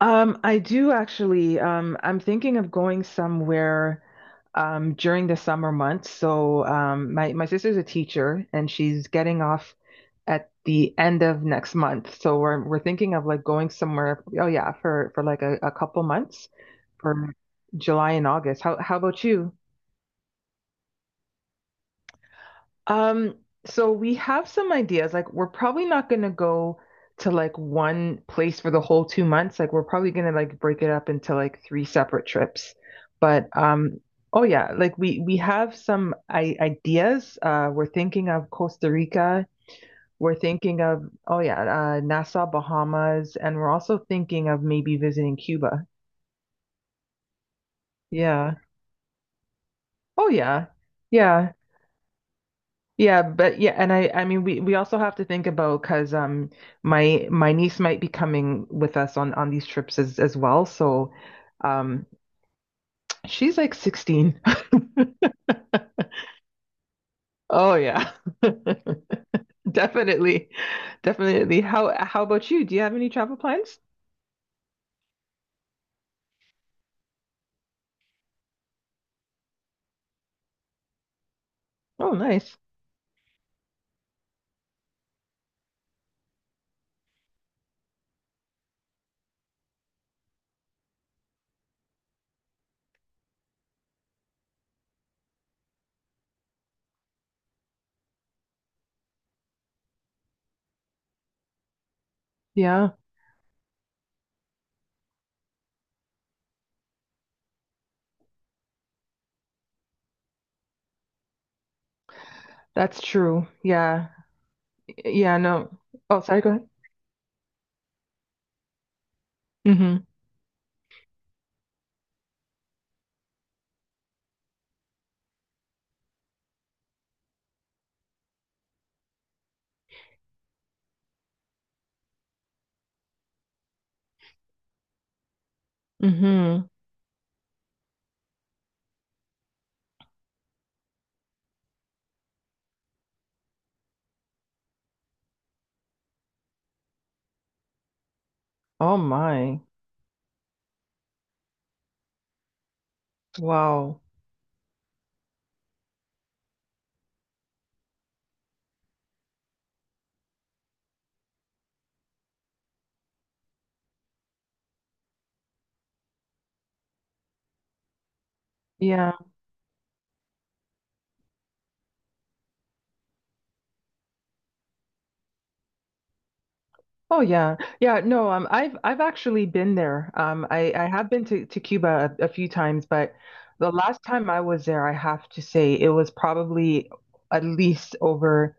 I do actually. I'm thinking of going somewhere during the summer months. So my sister's a teacher, and she's getting off at the end of next month. So we're thinking of like going somewhere. Oh yeah, for like a couple months for July and August. How about you? Um, so we have some ideas. Like we're probably not gonna go to like one place for the whole 2 months. Like we're probably gonna like break it up into like three separate trips. But oh yeah, like we have some I ideas. We're thinking of Costa Rica. We're thinking of oh yeah, Nassau, Bahamas, and we're also thinking of maybe visiting Cuba. Yeah. Oh yeah. Yeah. Yeah, but yeah, and I mean we also have to think about because my niece might be coming with us on these trips as well. So um she's like 16. Oh yeah. Definitely. Definitely. How about you? Do you have any travel plans? Oh, nice. Yeah, that's true. Yeah. Yeah, no. Oh, sorry, go ahead. Mm-hmm. Mm-hmm. Oh my. Wow. Yeah. Oh yeah. Yeah, no, I've actually been there. I have been to Cuba a few times, but the last time I was there, I have to say it was probably at least over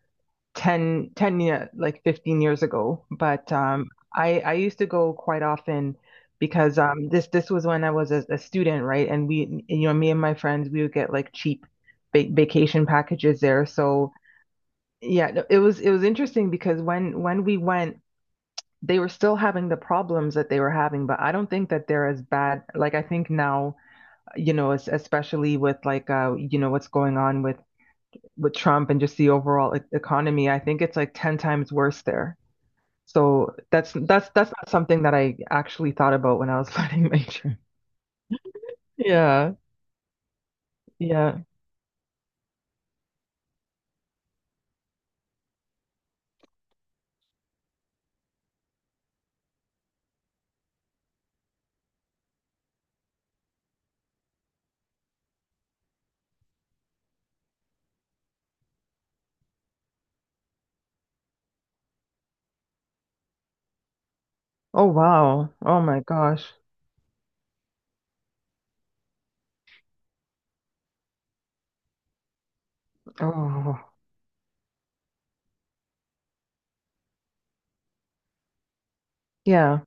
ten ten 10, like 15 years ago, but I used to go quite often because this was when I was a student, right? And we me and my friends we would get like cheap va vacation packages there. So yeah, no, it was interesting because when we went they were still having the problems that they were having, but I don't think that they're as bad. Like I think now, you know, especially with like you know, what's going on with Trump and just the overall economy, I think it's like 10 times worse there. So that's not something that I actually thought about when I was planning my trip. Yeah, yeah. Oh wow. Oh my gosh. Oh yeah.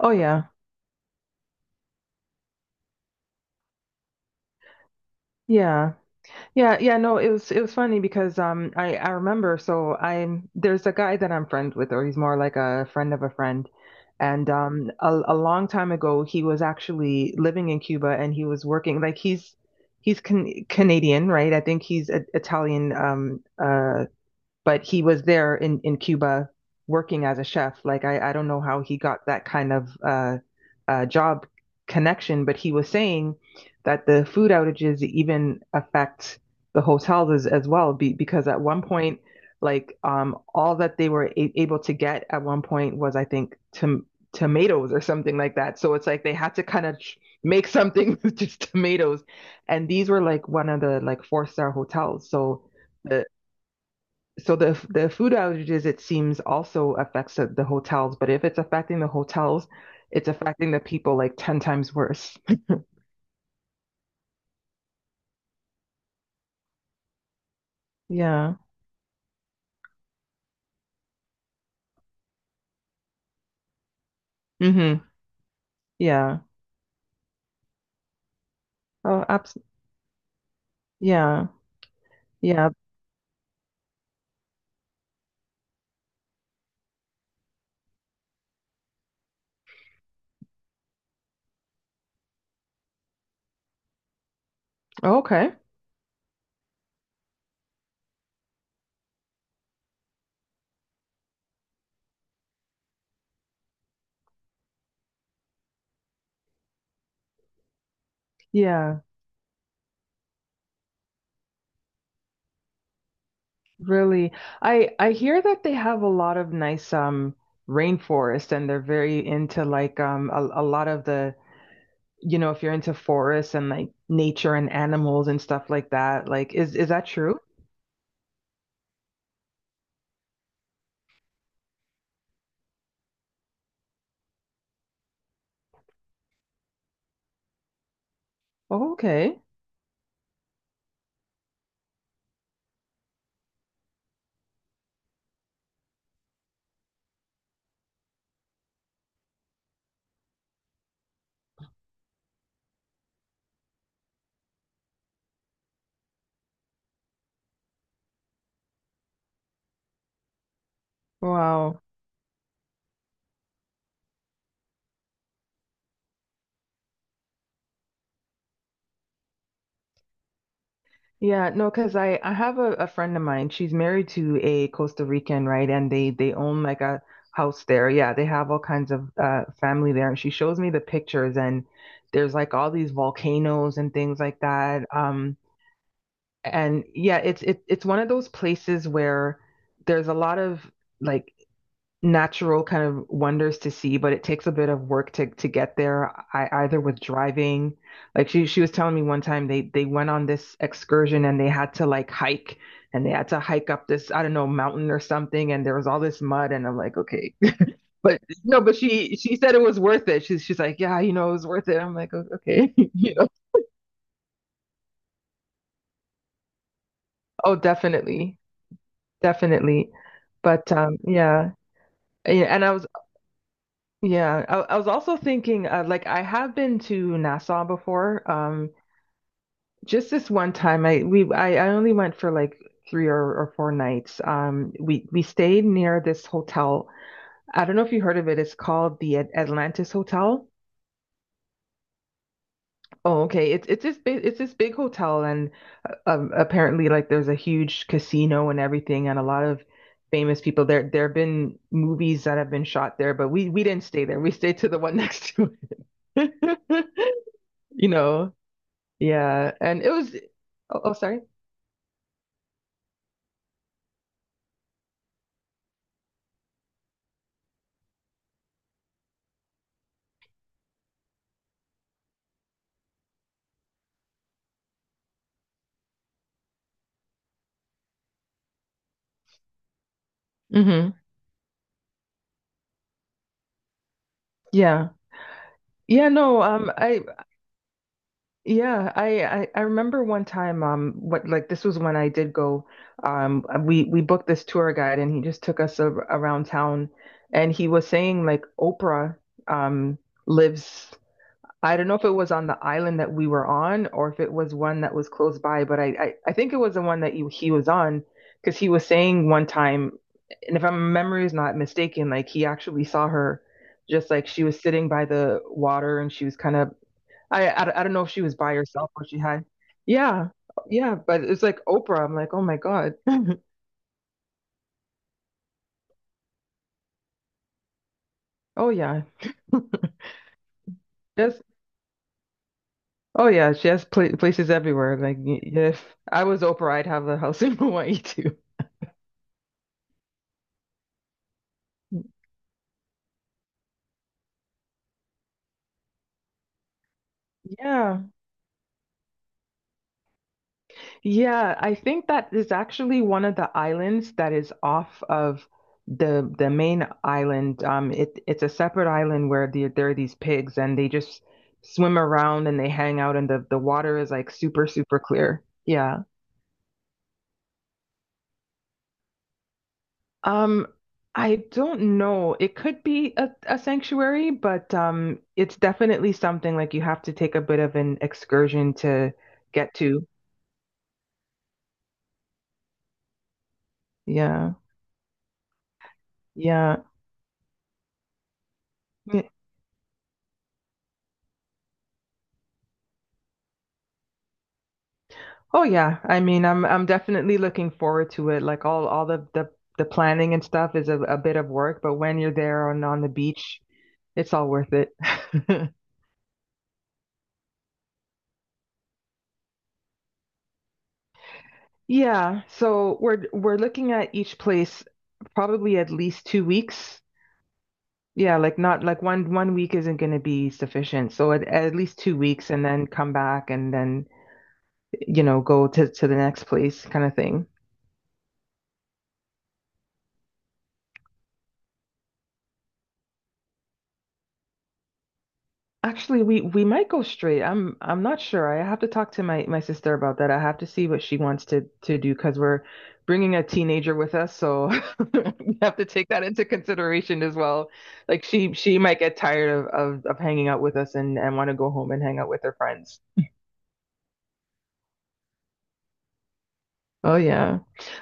Oh yeah. Yeah. Yeah, yeah, no, it was funny because I remember, so I'm there's a guy that I'm friends with, or he's more like a friend of a friend, and a long time ago he was actually living in Cuba and he was working, like he's Canadian, right? I think he's Italian but he was there in Cuba working as a chef. Like I don't know how he got that kind of job connection, but he was saying that the food outages even affect the hotels as well, because at one point, all that they were able to get at one point was, I think, to tomatoes or something like that. So it's like they had to kind of make something with just tomatoes, and these were like one of the like four-star hotels. So the the food outages, it seems, also affects the hotels. But if it's affecting the hotels, it's affecting the people like 10 times worse. Yeah. Mm-hmm. Yeah. Oh, abs yeah. Yeah. Okay. Yeah. Really. I hear that they have a lot of nice rainforest, and they're very into like a lot of the, you know, if you're into forests and like nature and animals and stuff like that, like is that true? Oh, okay. Wow. Yeah, no, because I have a friend of mine. She's married to a Costa Rican, right? And they own like a house there. Yeah, they have all kinds of family there. And she shows me the pictures, and there's like all these volcanoes and things like that. And yeah, it's one of those places where there's a lot of like natural kind of wonders to see, but it takes a bit of work to get there. I Either with driving, like she was telling me one time they went on this excursion and they had to like hike, and they had to hike up this, I don't know, mountain or something, and there was all this mud, and I'm like, okay, but no, but she said it was worth it. She's like, yeah, you know it was worth it. I'm like, "Oh, okay, you know, oh, definitely, definitely, but yeah." Yeah, and I was yeah, I was also thinking, like, I have been to Nassau before. Just this one time, I only went for like three or four nights. We stayed near this hotel. I don't know if you heard of it. It's called the Atlantis Hotel. Oh, okay. It's this big hotel, and apparently like there's a huge casino and everything, and a lot of famous people there. There have been movies that have been shot there, but we didn't stay there. We stayed to the one next to it. You know. Yeah, and it was oh, oh sorry. Hmm. Yeah. Yeah, no, I, yeah, I remember one time, what like, this was when I did go, we booked this tour guide and he just took us around town, and he was saying like Oprah um lives, I don't know if it was on the island that we were on or if it was one that was close by, but I think it was the one that he was on, because he was saying one time, and if my memory is not mistaken, like he actually saw her, just like she was sitting by the water and she was kind of, I don't know if she was by herself or she had. Yeah, yeah, but it's like Oprah. I'm like, oh my God. Oh yeah. Yes. Oh yeah, she has places everywhere. Like if I was Oprah, I'd have a house in Hawaii too. Yeah. Yeah, I think that is actually one of the islands that is off of the main island. It's a separate island where there are these pigs and they just swim around and they hang out, and the water is like super super clear. Yeah. Um, I don't know. It could be a sanctuary, but it's definitely something like you have to take a bit of an excursion to get to. Yeah. Yeah. Oh yeah, I mean, I'm definitely looking forward to it. Like all the planning and stuff is a bit of work, but when you're there on the beach, it's all worth it. Yeah, so we're looking at each place probably at least 2 weeks. Yeah, like, not like one week isn't going to be sufficient. So at least 2 weeks, and then come back and then go to the next place kind of thing. Actually, we might go straight. I'm not sure. I have to talk to my sister about that. I have to see what she wants to do, because we're bringing a teenager with us, so we have to take that into consideration as well. Like she might get tired of hanging out with us, and want to go home and hang out with her friends. Oh yeah.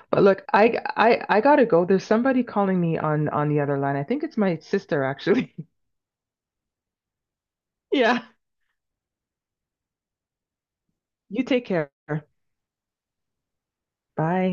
But look, I gotta go. There's somebody calling me on the other line. I think it's my sister actually. Yeah. You take care. Bye.